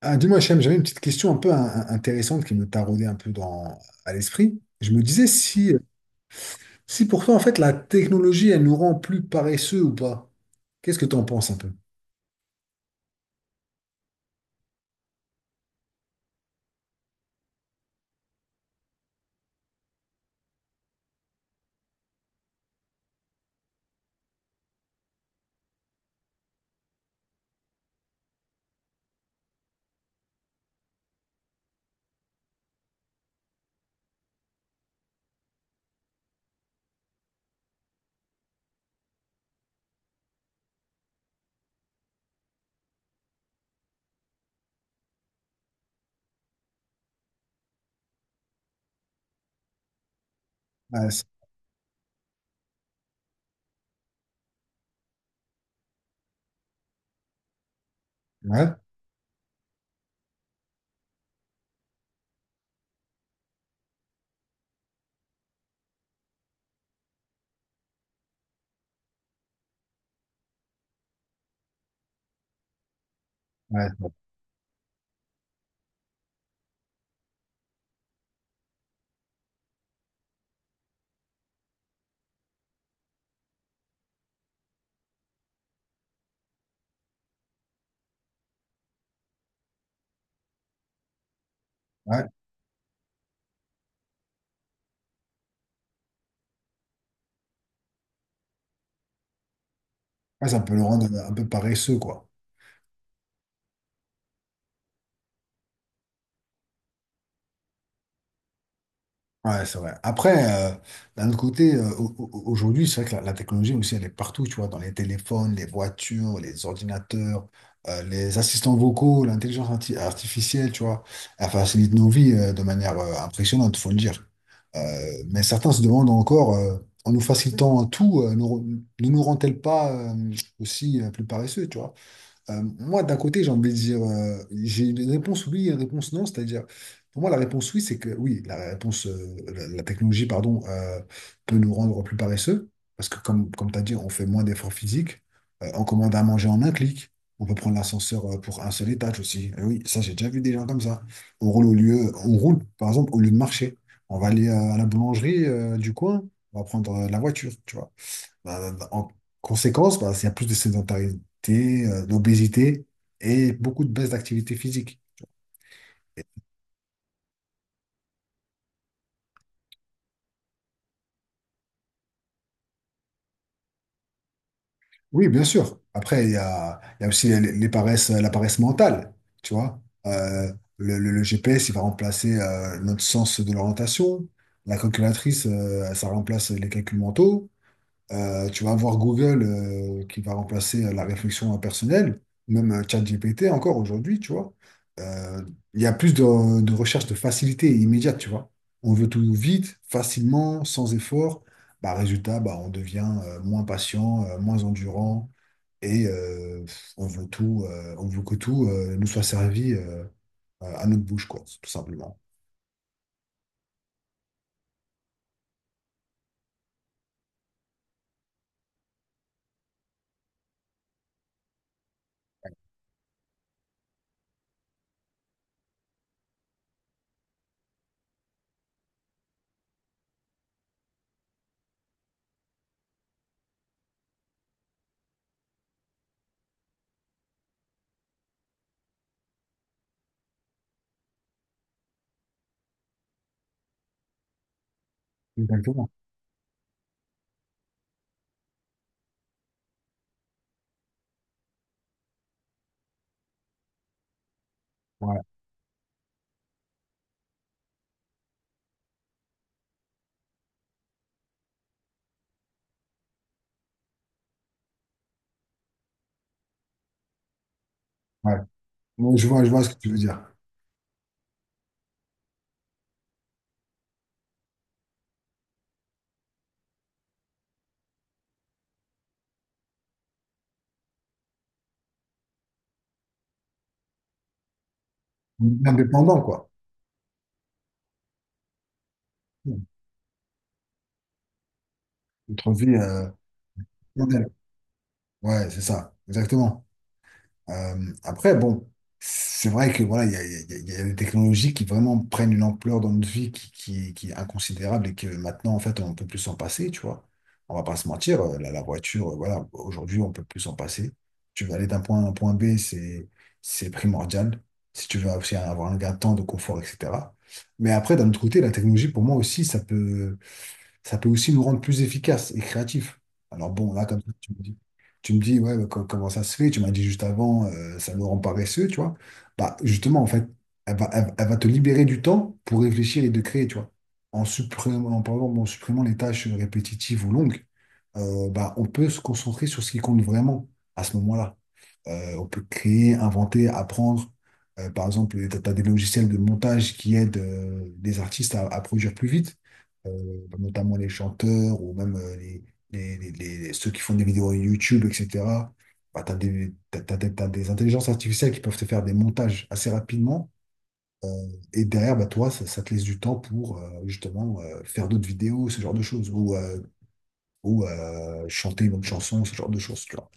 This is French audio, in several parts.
Ah, dis-moi, Hachem, j'avais une petite question un peu intéressante qui me taraudait un peu à l'esprit. Je me disais si pour toi, en fait, la technologie, elle nous rend plus paresseux ou pas. Qu'est-ce que tu en penses un peu? Ouais, c'est- ouais, ouais, ouais. Ouais, ça peut le rendre un peu paresseux, quoi. Ouais, c'est vrai. Après, d'un autre côté, aujourd'hui, c'est vrai que la technologie aussi, elle est partout, tu vois, dans les téléphones, les voitures, les ordinateurs, les assistants vocaux, l'intelligence artificielle, tu vois, elle facilite nos vies de manière impressionnante, faut le dire. Euh, mais certains se demandent encore, en nous facilitant tout, nous ne nous rend-elle pas aussi plus paresseux, tu vois? Moi, d'un côté, j'ai envie de dire, j'ai une réponse oui et une réponse non, c'est-à-dire, pour moi, la réponse oui, c'est que oui, la réponse, la technologie, pardon, peut nous rendre plus paresseux, parce que comme tu as dit, on fait moins d'efforts physiques. On commande à manger en un clic, on peut prendre l'ascenseur pour un seul étage aussi. Eh oui, ça, j'ai déjà vu des gens comme ça. On roule, par exemple, au lieu de marcher. On va aller à la boulangerie du coin, on va prendre la voiture, tu vois. Bah, en conséquence, bah, il y a plus de sédentarité, d'obésité et beaucoup de baisse d'activité physique. Oui, bien sûr. Après, il y a aussi les paresses, la paresse mentale, tu vois. Le GPS, il va remplacer notre sens de l'orientation. La calculatrice, ça remplace les calculs mentaux. Tu vas avoir Google qui va remplacer la réflexion impersonnelle, même ChatGPT encore aujourd'hui, tu vois. Euh, Il y a plus de recherche de facilité immédiate, tu vois. On veut tout vite, facilement, sans effort. Bah, résultat, bah, on devient moins patient, moins endurant, et on veut tout, on veut que tout nous soit servi à notre bouche, quoi, tout simplement. Exactement. Ouais, ouais. Moi, je vois ce que tu veux dire. On devient dépendant, quoi. Notre vie. Blondel. Ouais, c'est ça, exactement. Après, bon, c'est vrai que voilà, il y a des technologies qui vraiment prennent une ampleur dans notre vie qui est inconsidérable et que maintenant, en fait, on ne peut plus s'en passer, tu vois. On va pas se mentir, la voiture, voilà, aujourd'hui, on peut plus s'en passer. Tu veux aller d'un point A à un point B, c'est primordial. Si tu veux aussi avoir un gain de temps, de confort, etc. Mais après, d'un autre côté, la technologie, pour moi aussi, ça peut aussi nous rendre plus efficaces et créatifs. Alors bon, là, comme ça, tu me dis ouais, mais comment ça se fait? Tu m'as dit juste avant, ça nous rend paresseux, tu vois. Bah, justement, en fait, elle va te libérer du temps pour réfléchir et de créer, tu vois. En supprimant les tâches répétitives ou longues, bah, on peut se concentrer sur ce qui compte vraiment à ce moment-là. On peut créer, inventer, apprendre. Par exemple, tu as des logiciels de montage qui aident des artistes à produire plus vite, notamment les chanteurs ou même les- les- ceux qui font des vidéos YouTube, etc. Bah, t'as des intelligences artificielles qui peuvent te faire des montages assez rapidement. euh, et derrière, bah, toi, ça te laisse du temps pour justement faire d'autres vidéos, ce genre de choses, ou chanter une autre chanson, ce genre de choses, tu vois.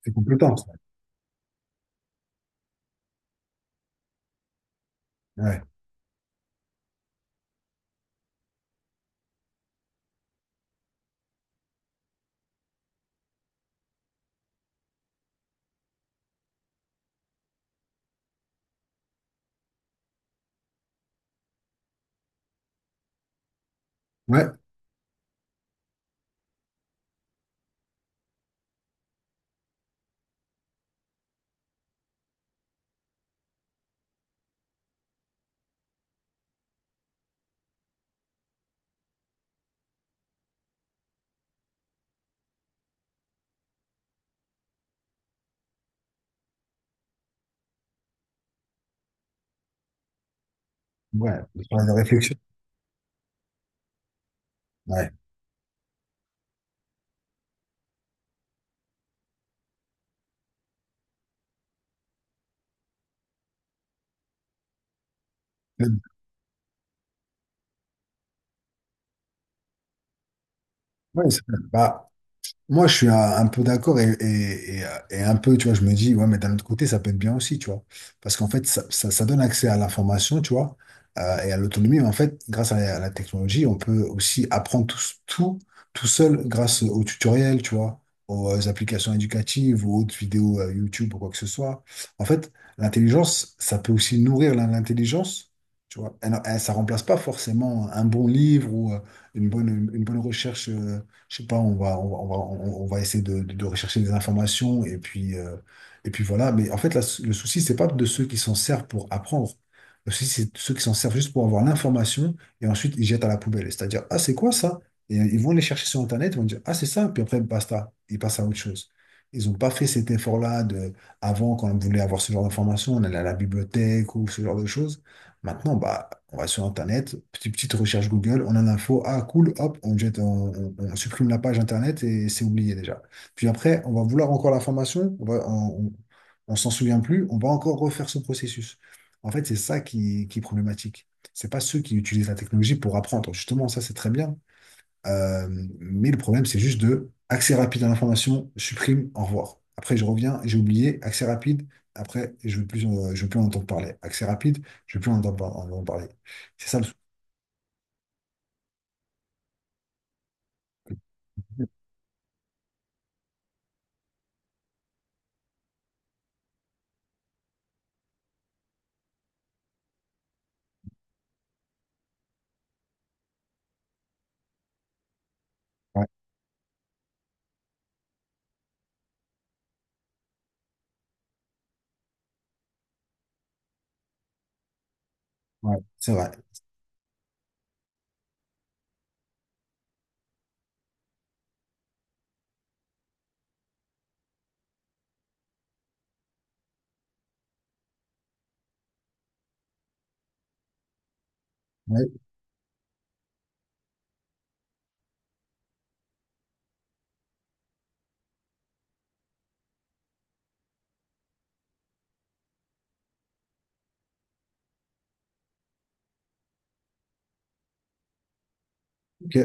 C'est compétent, ça. Ouais. Ouais. Ouais. Le travail de réflexion. Ouais. Ouais, c'est vrai. Bah, moi, je suis un peu d'accord et un peu, tu vois, je me dis, ouais, mais d'un autre côté, ça peut être bien aussi, tu vois. Parce qu'en fait, ça donne accès à l'information, tu vois, et à l'autonomie. Mais en fait, grâce à à la technologie, on peut aussi apprendre tout, tout seul grâce aux tutoriels, tu vois, aux applications éducatives ou autres vidéos YouTube ou quoi que ce soit. En fait, l'intelligence, ça peut aussi nourrir l'intelligence, tu vois. Ça remplace pas forcément un bon livre ou une bonne, une bonne recherche. Je sais pas, on va essayer de rechercher des informations et puis, voilà. Mais en fait, le souci, c'est pas de ceux qui s'en servent pour apprendre. Le souci, c'est de ceux qui s'en servent juste pour avoir l'information et ensuite ils jettent à la poubelle. C'est-à-dire, ah, c'est quoi ça? Et ils vont les chercher sur Internet, ils vont dire, ah, c'est ça, puis après, basta, ils passent à autre chose. Ils n'ont pas fait cet effort-là de, avant, quand on voulait avoir ce genre d'informations, on allait à la bibliothèque ou ce genre de choses. Maintenant, bah, on va sur Internet, petite recherche Google, on a l'info, ah cool, hop, on jette, on supprime la page Internet et c'est oublié déjà. Puis après, on va vouloir encore l'information, on s'en souvient plus, on va encore refaire ce processus. En fait, c'est ça qui est problématique. C'est pas ceux qui utilisent la technologie pour apprendre. Justement, ça, c'est très bien. Euh, mais le problème, c'est juste de accès rapide à l'information, supprime, au revoir. Après, je reviens, j'ai oublié, accès rapide. Après, je veux plus en entendre parler. Accès rapide, je veux plus en entendre, par- en entendre parler. C'est ça le souci. Ouais, ouais, c'est vrai. Ouais, ok.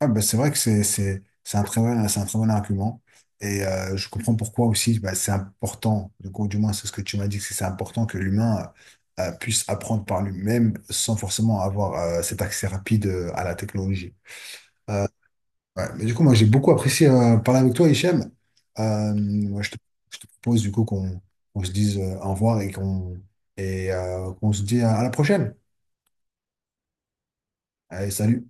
Ah, bah, c'est vrai que c'est un c'est un très bon argument. Et je comprends pourquoi aussi, bah, c'est important. Du coup, du moins, c'est ce que tu m'as dit, que c'est important que l'humain puisse apprendre par lui-même sans forcément avoir cet accès rapide à la technologie. Euh, Ouais, mais du coup, moi, j'ai beaucoup apprécié parler avec toi, Hichem. Euh, moi, je te, je te propose du coup qu'on se dise au revoir et qu'on se dit à la prochaine. Allez, salut.